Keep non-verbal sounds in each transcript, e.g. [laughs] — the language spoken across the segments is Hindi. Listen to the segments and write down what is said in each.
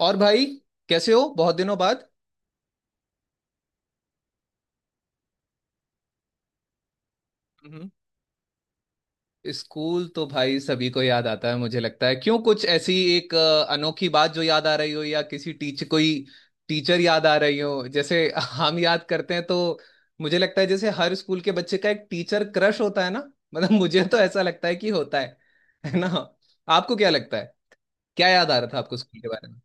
और भाई कैसे हो? बहुत दिनों बाद। हम्म। स्कूल तो भाई सभी को याद आता है, मुझे लगता है। क्यों, कुछ ऐसी एक अनोखी बात जो याद आ रही हो, या किसी टीचर, कोई टीचर याद आ रही हो जैसे [laughs] हम याद करते हैं तो। मुझे लगता है जैसे हर स्कूल के बच्चे का एक टीचर क्रश होता है ना। मतलब मुझे तो ऐसा लगता है कि होता है ना? आपको क्या लगता है? क्या याद आ रहा था आपको स्कूल के बारे में?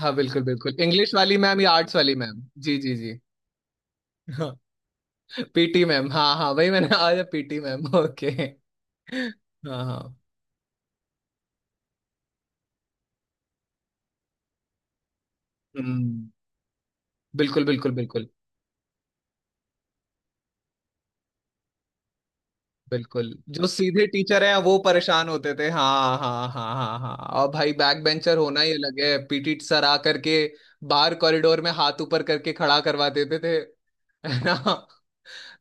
हाँ बिल्कुल बिल्कुल, इंग्लिश वाली मैम या आर्ट्स वाली मैम, जी जी जी। [laughs] पीटी मैम, हाँ हाँ, वही मैंने आज पीटी मैम, ओके। हाँ हाँ। हम्म। बिल्कुल बिल्कुल बिल्कुल। बिल्कुल जो सीधे टीचर हैं वो परेशान होते थे, हाँ हाँ हाँ हाँ हाँ। और भाई बैक बेंचर होना ही अलग है। पीटी सर आ करके बाहर कॉरिडोर में हाथ ऊपर करके खड़ा करवा देते थे, है ना?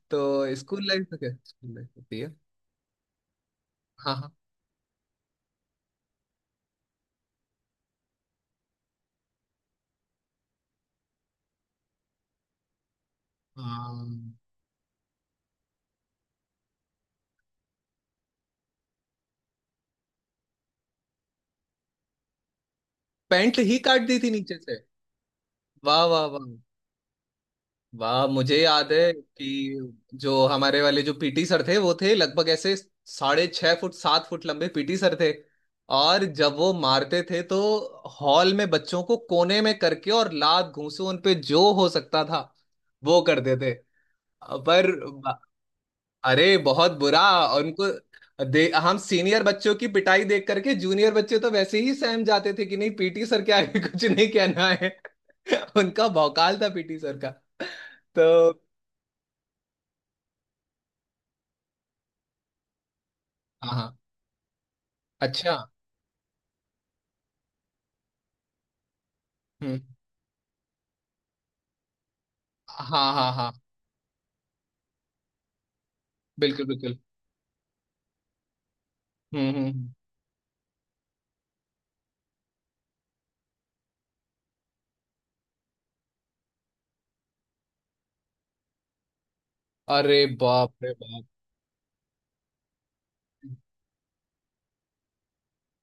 तो स्कूल लाइफ तो क्या स्कूल लाइफ होती है। हाँ हाँ हाँ, पैंट ही काट दी थी नीचे से? वाह वाह वाह। वाह, मुझे याद है कि जो हमारे वाले जो पीटी सर थे, वो थे लगभग ऐसे 6½ फुट 7 फुट लंबे पीटी सर थे। और जब वो मारते थे तो हॉल में बच्चों को कोने में करके और लात घूंसे उन पे जो हो सकता था वो करते थे। पर, अरे बहुत बुरा। और उनको दे, हम सीनियर बच्चों की पिटाई देख करके जूनियर बच्चे तो वैसे ही सहम जाते थे कि नहीं, पीटी सर के आगे कुछ नहीं कहना है। [laughs] उनका भौकाल था पीटी सर का, तो। हाँ हाँ, अच्छा। हम्म। हाँ हाँ हाँ, बिल्कुल बिल्कुल। हम्म हम्म हम्म। अरे बाप रे बाप।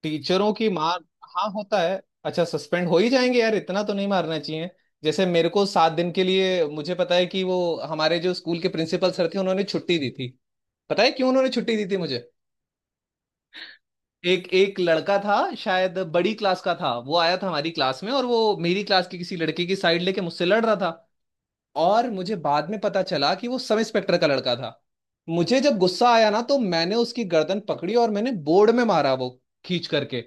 टीचरों की मार। हाँ होता है, अच्छा सस्पेंड हो ही जाएंगे यार, इतना तो नहीं मारना चाहिए। जैसे मेरे को 7 दिन के लिए, मुझे पता है कि वो हमारे जो स्कूल के प्रिंसिपल सर थे, उन्होंने छुट्टी दी थी। पता है क्यों उन्होंने छुट्टी दी थी मुझे? एक एक लड़का था, शायद बड़ी क्लास का था, वो आया था हमारी क्लास में, और वो मेरी क्लास की किसी लड़के की साइड लेके मुझसे लड़ रहा था। और मुझे बाद में पता चला कि वो सब इंस्पेक्टर का लड़का था। मुझे जब गुस्सा आया ना तो मैंने उसकी गर्दन पकड़ी और मैंने बोर्ड में मारा वो, खींच करके।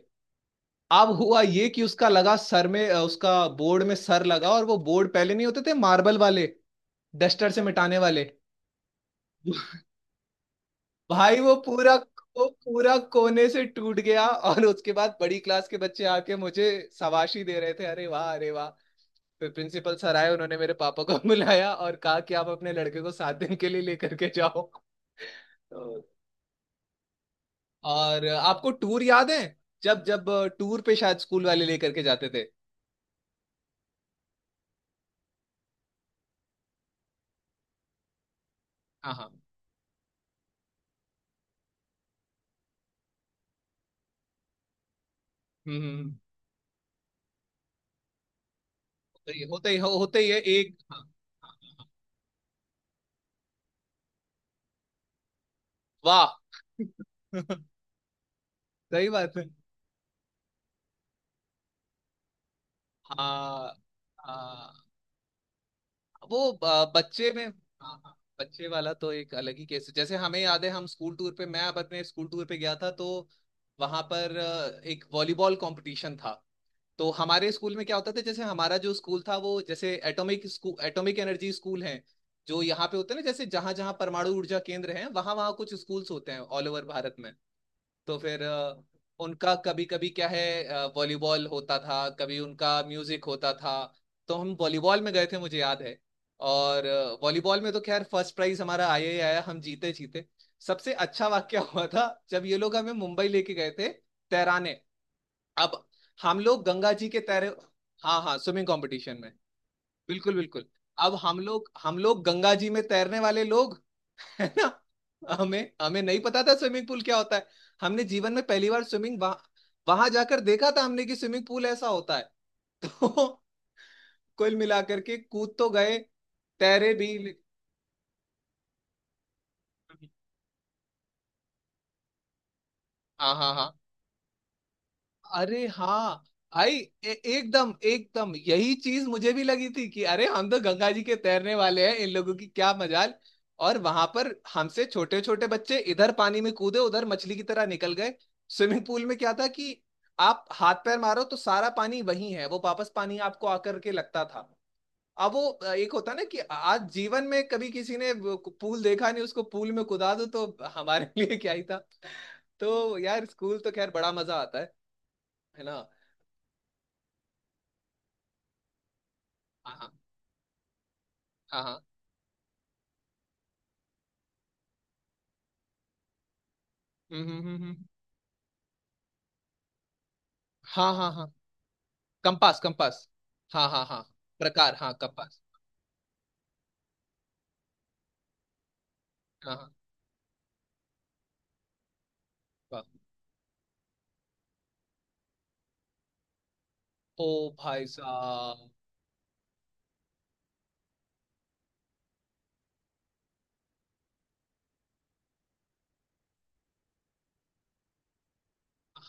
अब हुआ ये कि उसका लगा सर में, उसका बोर्ड में सर लगा, और वो बोर्ड पहले नहीं होते थे मार्बल वाले, डस्टर से मिटाने वाले। भाई वो पूरा, वो पूरा कोने से टूट गया। और उसके बाद बड़ी क्लास के बच्चे आके मुझे शाबाशी दे रहे थे, अरे वाह अरे वाह। फिर प्रिंसिपल सर आए, उन्होंने मेरे पापा को [laughs] बुलाया और कहा कि आप अपने लड़के को 7 दिन के लिए लेकर के जाओ। तो, और आपको टूर याद है? जब जब टूर पे शायद स्कूल वाले लेकर के जाते थे। हाँ हाँ। हम्म हम्म, हम्म। होते ही होते ही होते ही है एक, हाँ, हाँ, हाँ, हाँ। वाह। [laughs] सही बात है। हाँ हाँ। वो बच्चे में, हाँ, हाँ, बच्चे वाला तो एक अलग ही केस है। जैसे हमें याद है हम स्कूल टूर पे, मैं अब अपने स्कूल टूर पे गया था तो वहां पर एक वॉलीबॉल कंपटीशन था। तो हमारे स्कूल में क्या होता था, जैसे हमारा जो स्कूल था वो जैसे atomic school, atomic energy school है, जो यहाँ पे होते हैं ना, जैसे जहां जहां परमाणु ऊर्जा केंद्र हैं वहां वहां कुछ स्कूल्स होते हैं ऑल ओवर भारत में। तो फिर उनका कभी कभी क्या है, वॉलीबॉल होता था, कभी उनका म्यूजिक होता था। तो हम वॉलीबॉल में गए थे मुझे याद है। और वॉलीबॉल में तो खैर फर्स्ट प्राइज हमारा आया ही आया, हम जीते जीते। सबसे अच्छा वाक्य हुआ था जब ये लोग हमें मुंबई लेके गए थे तैराने। अब हम लोग गंगा जी के तैरे। हाँ हाँ, स्विमिंग कंपटीशन में। बिल्कुल बिल्कुल। अब हम लोग गंगा जी में तैरने वाले लोग, [laughs] है ना? हमें हमें नहीं पता था स्विमिंग पूल क्या होता है। हमने जीवन में पहली बार स्विमिंग वहां, वहां जाकर देखा था हमने कि स्विमिंग पूल ऐसा होता है। [laughs] तो कुल मिलाकर के कूद तो गए, तैरे भी। हाँ हाँ हाँ। अरे हाँ। आई, एकदम एकदम, यही चीज मुझे भी लगी थी कि अरे हम तो गंगा जी के तैरने वाले हैं, इन लोगों की क्या मजाल। और वहां पर हमसे छोटे छोटे बच्चे इधर पानी में कूदे उधर मछली की तरह निकल गए। स्विमिंग पूल में क्या था कि आप हाथ पैर मारो तो सारा पानी वही है, वो वापस पानी आपको आकर के लगता था। अब वो एक होता ना कि आज जीवन में कभी किसी ने वो पूल देखा नहीं, उसको पूल में कुदा दो तो हमारे [laughs] लिए क्या ही था। तो यार स्कूल तो खैर बड़ा मजा आता है ना? हाँ हाँ हाँ हाँ। हम्म हम्म हम्म, हम्म। हाँ हाँ हाँ, कंपास कंपास, हाँ हाँ हाँ प्रकार, हाँ कंपास। हाँ हाँ, वाह। ओ भाई साहब।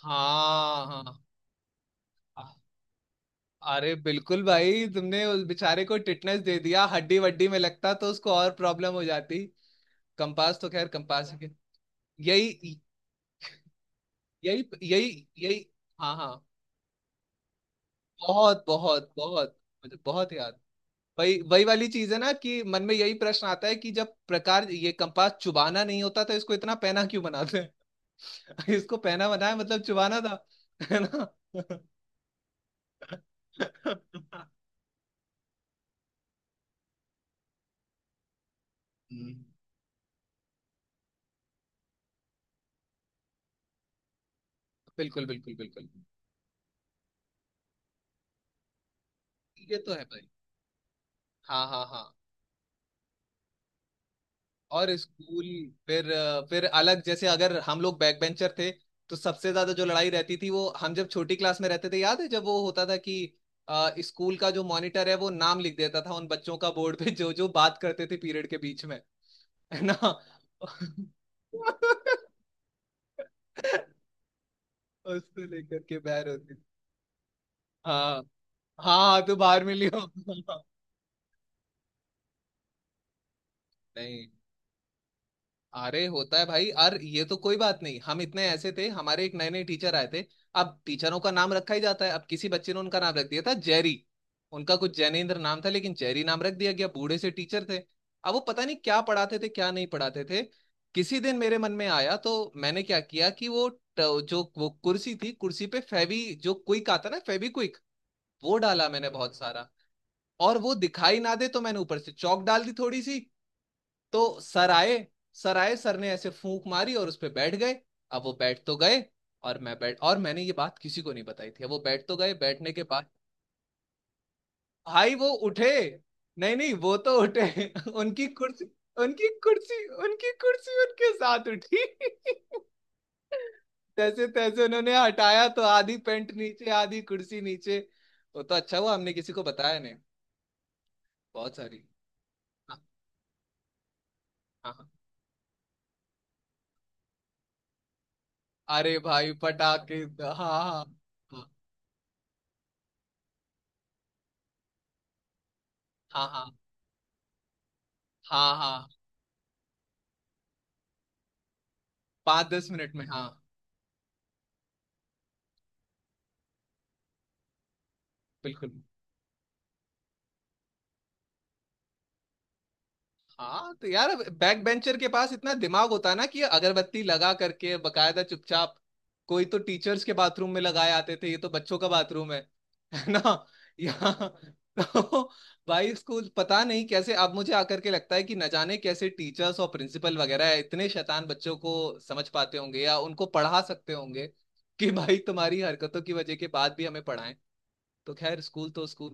हाँ हाँ अ- अरे बिल्कुल भाई, तुमने उस बेचारे को टिटनेस दे दिया, हड्डी वड्डी में लगता तो उसको और प्रॉब्लम हो जाती। कंपास तो खैर कंपास है। यही यही यही यही। हाँ हाँ। बहुत बहुत बहुत। मुझे बहुत याद। वही वही वाली चीज है ना कि मन में यही प्रश्न आता है कि जब प्रकार ये कंपास चुबाना नहीं होता तो इसको इतना पैना क्यों बनाते हैं। [laughs] इसको पैना बनाया मतलब चुबाना था, है ना? [laughs] हम्म, बिल्कुल बिल्कुल बिल्कुल। ये तो है भाई, हाँ हाँ हाँ। और स्कूल फिर फिर अलग, जैसे अगर हम लोग बैक बेंचर थे तो सबसे ज्यादा जो लड़ाई रहती थी वो, हम जब छोटी क्लास में रहते थे याद है जब वो होता था कि स्कूल का जो मॉनिटर है वो नाम लिख देता था उन बच्चों का बोर्ड पे जो जो बात करते थे पीरियड के बीच में, है ना? [laughs] उसको लेकर के बैर होती। हाँ हाँ, तो बाहर मिली हो। [laughs] नहीं। अरे होता है भाई, और ये तो कोई बात नहीं। हम इतने ऐसे थे, हमारे एक नए नए टीचर आए थे, अब टीचरों का नाम रखा ही जाता है, अब किसी बच्चे ने उनका नाम रख दिया था जेरी। उनका कुछ जैनेन्द्र नाम था लेकिन जेरी नाम रख दिया गया, बूढ़े से टीचर थे। अब वो पता नहीं क्या पढ़ाते थे क्या नहीं पढ़ाते थे। किसी दिन मेरे मन में आया तो मैंने क्या किया कि वो जो वो कुर्सी थी, कुर्सी पे फेवी जो क्विक आता ना, फेवी क्विक, वो डाला मैंने बहुत सारा। और वो दिखाई ना दे तो मैंने ऊपर से चौक डाल दी थोड़ी सी। तो सर आए, सर आए, सर ने ऐसे फूंक मारी और उस पे बैठ गए। अब वो बैठ तो गए, और मैं बैठ, और मैंने ये बात किसी को नहीं बताई थी। अब वो बैठ तो गए, बैठने के बाद भाई वो उठे, नहीं नहीं वो तो उठे, [laughs] उनकी कुर्सी, उनकी कुर्सी, उनकी कुर्सी उनके साथ उठी। [laughs] तैसे तैसे उन्होंने हटाया तो आधी पेंट नीचे आधी कुर्सी नीचे। वो तो अच्छा हुआ हमने किसी को बताया नहीं। बहुत सारी, हाँ हाँ हाँ। अरे भाई पटाखे, हाँ हाँ हाँ हाँ हाँ हाँ हाँ। 5 10 मिनट में, हाँ। बिल्कुल। हाँ तो यार, बैक बेंचर के पास इतना दिमाग होता है ना, कि अगरबत्ती लगा करके बकायदा चुपचाप। कोई तो टीचर्स के बाथरूम में लगाए आते थे, ये तो बच्चों का बाथरूम है। [laughs] है ना? यहाँ। [laughs] तो भाई स्कूल पता नहीं कैसे, अब मुझे आकर के लगता है कि न जाने कैसे टीचर्स और प्रिंसिपल वगैरह इतने शैतान बच्चों को समझ पाते होंगे या उनको पढ़ा सकते होंगे, कि भाई तुम्हारी हरकतों की वजह के बाद भी हमें पढ़ाएं। तो खैर स्कूल तो स्कूल।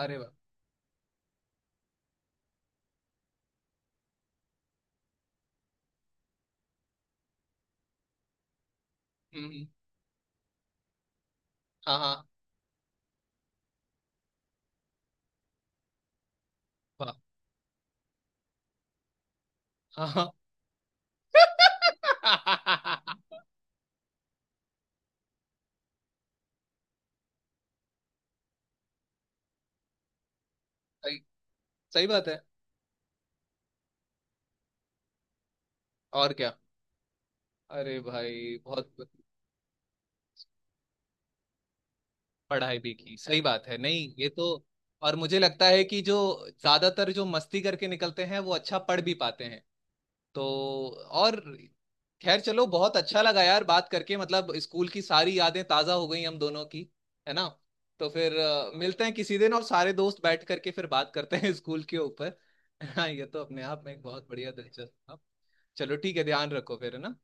अरे वाह। हम्म, हाँ हाँ। वाह। हाँ हाँ। [laughs] सही, सही बात है। और क्या, अरे भाई बहुत। पढ़ाई भी की, सही बात है, नहीं ये तो। और मुझे लगता है कि जो ज्यादातर जो मस्ती करके निकलते हैं वो अच्छा पढ़ भी पाते हैं, तो। और खैर चलो, बहुत अच्छा लगा यार बात करके, मतलब स्कूल की सारी यादें ताजा हो गई हम दोनों की, है ना? तो फिर मिलते हैं किसी दिन, और सारे दोस्त बैठ करके फिर बात करते हैं [laughs] स्कूल के ऊपर। [laughs] हाँ ये तो अपने आप में एक बहुत बढ़िया दिलचस्प था। चलो ठीक है, ध्यान रखो फिर, है ना?